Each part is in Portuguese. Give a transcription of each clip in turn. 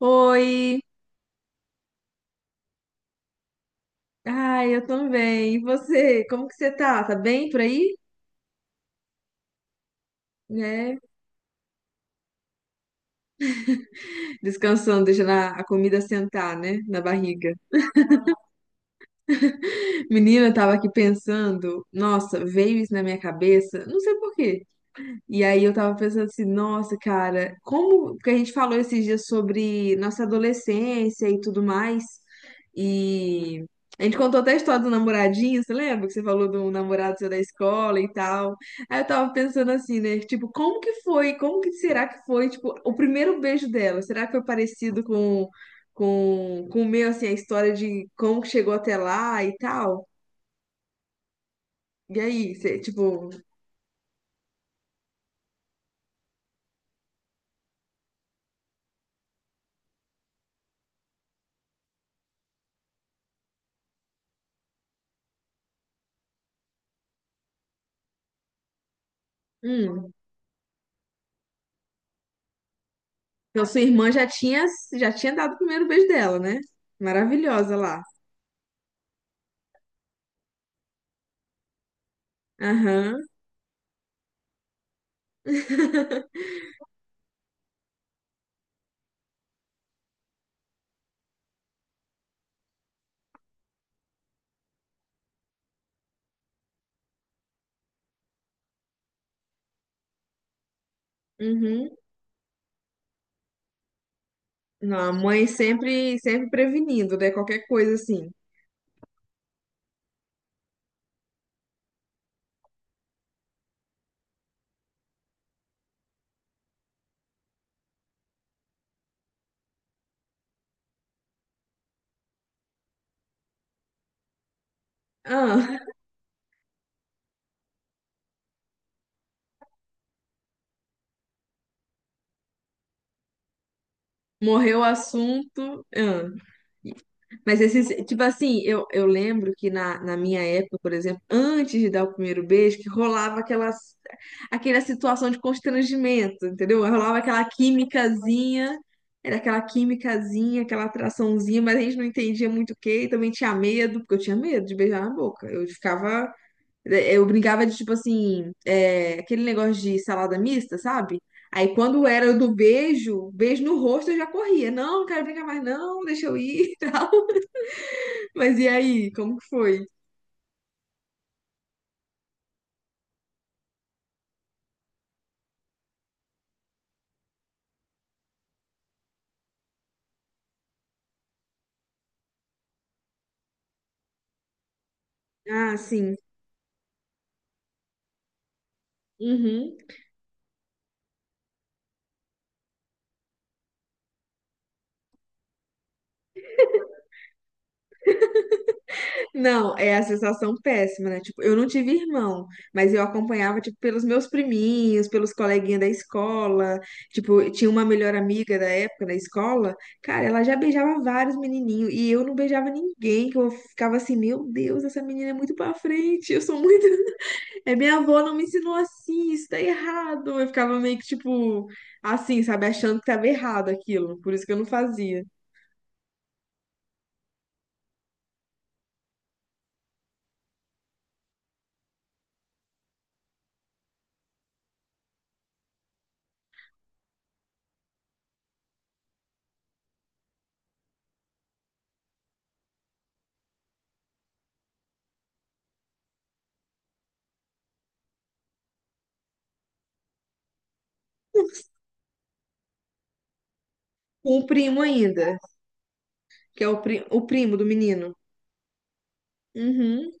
Oi, ai, eu também. E você? Como que você tá? Tá bem por aí? Né? Descansando, deixando a comida sentar, né? Na barriga. Menina, eu tava aqui pensando, nossa, veio isso na minha cabeça, não sei porquê. E aí eu tava pensando assim, nossa, cara, como que a gente falou esses dias sobre nossa adolescência e tudo mais. E a gente contou até a história do namoradinho, você lembra que você falou do namorado seu da escola e tal? Aí eu tava pensando assim, né, tipo, como que foi? Como que será que foi, tipo, o primeiro beijo dela? Será que foi parecido com com o meu, assim, a história de como que chegou até lá e tal? E aí, você, tipo, hum. Então, sua irmã já tinha dado o primeiro beijo dela, né? Maravilhosa lá. Aham. Uhum. Não, a mãe sempre, sempre prevenindo, né? Qualquer coisa assim. Ah, morreu o assunto. Ah. Mas esses, tipo assim, eu lembro que na minha época, por exemplo, antes de dar o primeiro beijo, que rolava aquela situação de constrangimento, entendeu? Rolava aquela químicazinha, era aquela químicazinha, aquela atraçãozinha, mas a gente não entendia muito o quê, e também tinha medo, porque eu tinha medo de beijar na boca. Eu brincava de, tipo assim, aquele negócio de salada mista, sabe? Aí quando era do beijo, beijo no rosto, eu já corria. Não, não quero brincar mais, não, deixa eu ir e tal. Mas e aí, como que foi? Ah, sim. Uhum. Não, é a sensação péssima, né? Tipo, eu não tive irmão, mas eu acompanhava, tipo, pelos meus priminhos, pelos coleguinhas da escola. Tipo, eu tinha uma melhor amiga da época da escola. Cara, ela já beijava vários menininhos e eu não beijava ninguém, que eu ficava assim, meu Deus, essa menina é muito pra frente, eu sou muito... É, minha avó não me ensinou assim, isso tá errado. Eu ficava meio que, tipo, assim, sabe? Achando que tava errado aquilo, por isso que eu não fazia. Com o primo ainda, que é o primo do menino. Uhum.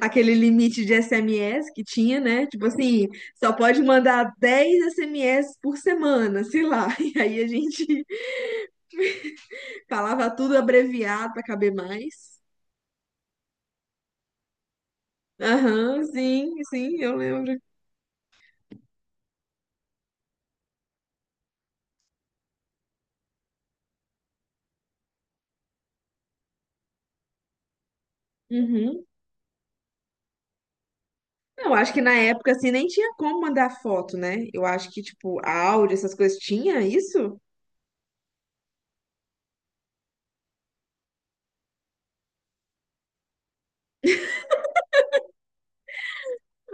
Aquele limite de SMS que tinha, né? Tipo assim, só pode mandar 10 SMS por semana, sei lá. E aí a gente falava tudo abreviado para caber mais. Aham, sim, sim, eu lembro. Uhum. Não, acho que na época assim nem tinha como mandar foto, né? Eu acho que tipo áudio, essas coisas tinha isso?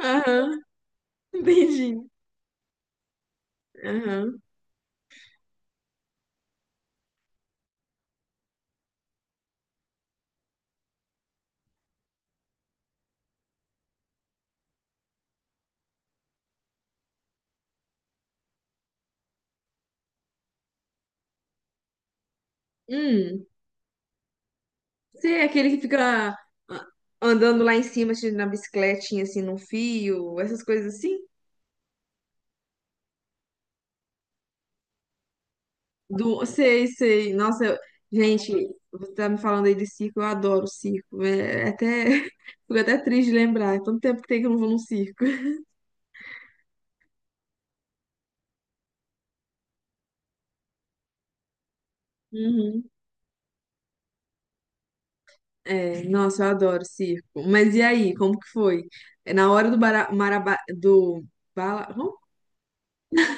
Aham, entendi. Aham. Hum, Você é aquele que fica ah, andando lá em cima assim, na bicicletinha assim num fio, essas coisas assim? Do, sei, sei. Nossa, gente, você tá me falando aí de circo, eu adoro circo. É até, fico até triste de lembrar. É tanto tempo que tem que eu não vou num circo. Uhum. É, nossa, eu adoro circo. Mas e aí, como que foi? É, na hora do, bara, maraba, do bala- hum?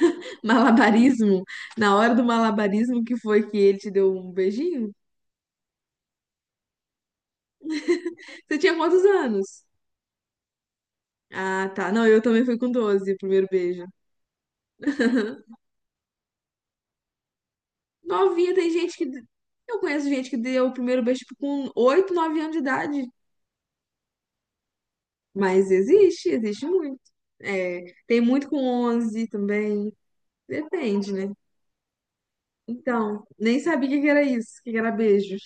malabarismo, na hora do malabarismo que foi que ele te deu um beijinho? Você tinha quantos anos? Ah, tá. Não, eu também fui com 12 o primeiro beijo. Novinha, tem gente que. Eu conheço gente que deu o primeiro beijo tipo, com 8 9 anos de idade. Mas existe, existe muito. É, tem muito com 11 também. Depende, né? Então, nem sabia o que que era isso, o que que era beijo.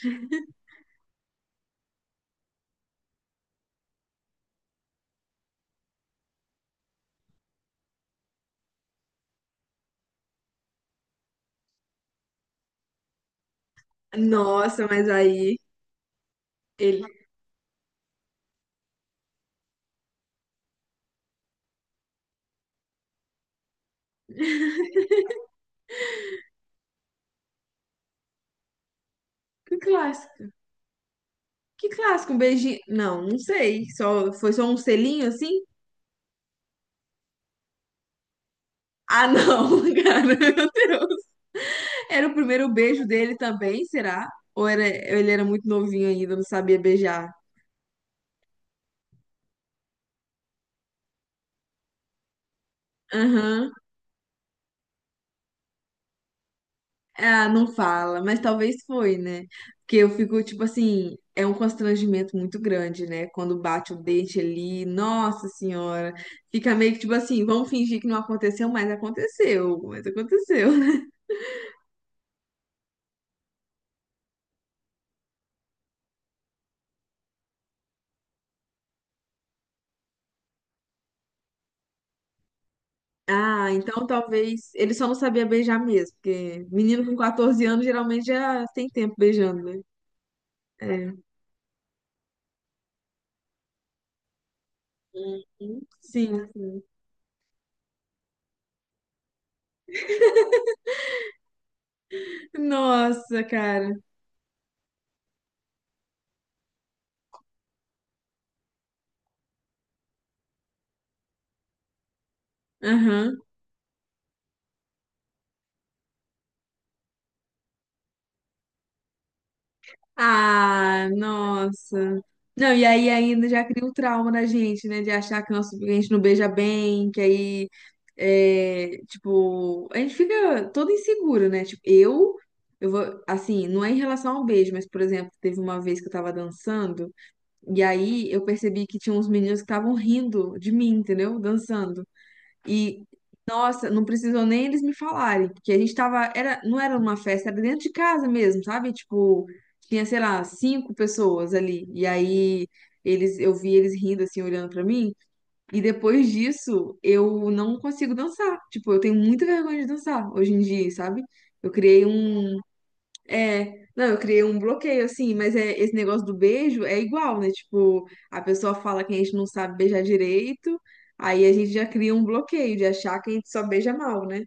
Nossa, mas aí ele. Que clássico. Que clássico, um beijinho. Não, não sei. Foi só um selinho assim? Ah, não, cara, meu Deus. Era o primeiro beijo dele também, será? Ou ele era muito novinho ainda, não sabia beijar? Aham. Ah, não fala, mas talvez foi, né? Porque eu fico, tipo assim, é um constrangimento muito grande, né? Quando bate o dente ali, nossa senhora, fica meio que tipo assim, vamos fingir que não aconteceu, mas aconteceu, mas aconteceu, né? Ah, então talvez ele só não sabia beijar mesmo, porque menino com 14 anos geralmente já tem tempo beijando, né? É. Uhum. Sim. Sim. Nossa, cara. Aham. Ah, nossa. Não, e aí ainda já cria o trauma na gente, né? De achar que nosso que a gente não beija bem, que aí, é, tipo, a gente fica todo inseguro, né? Tipo, eu vou, assim, não é em relação ao beijo, mas, por exemplo, teve uma vez que eu tava dançando, e aí eu percebi que tinha uns meninos que estavam rindo de mim, entendeu? Dançando. E, nossa, não precisou nem eles me falarem, porque a gente tava, era, não era uma festa, era dentro de casa mesmo, sabe? Tipo, tinha, sei lá, cinco pessoas ali. E aí eles, eu vi eles rindo assim, olhando pra mim, e depois disso eu não consigo dançar. Tipo, eu tenho muita vergonha de dançar hoje em dia, sabe? Eu criei um, é, não, eu criei um bloqueio, assim, mas é, esse negócio do beijo é igual, né? Tipo, a pessoa fala que a gente não sabe beijar direito, aí a gente já cria um bloqueio de achar que a gente só beija mal, né?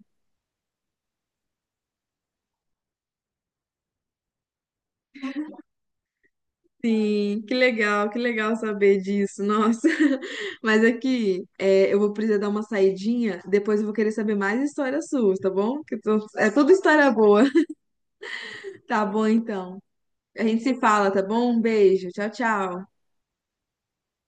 Sim, que legal saber disso, nossa. Mas aqui, é, eu vou precisar dar uma saidinha, depois eu vou querer saber mais histórias suas, tá bom? Que é tudo história boa. Tá bom, então. A gente se fala, tá bom? Um beijo, tchau, tchau.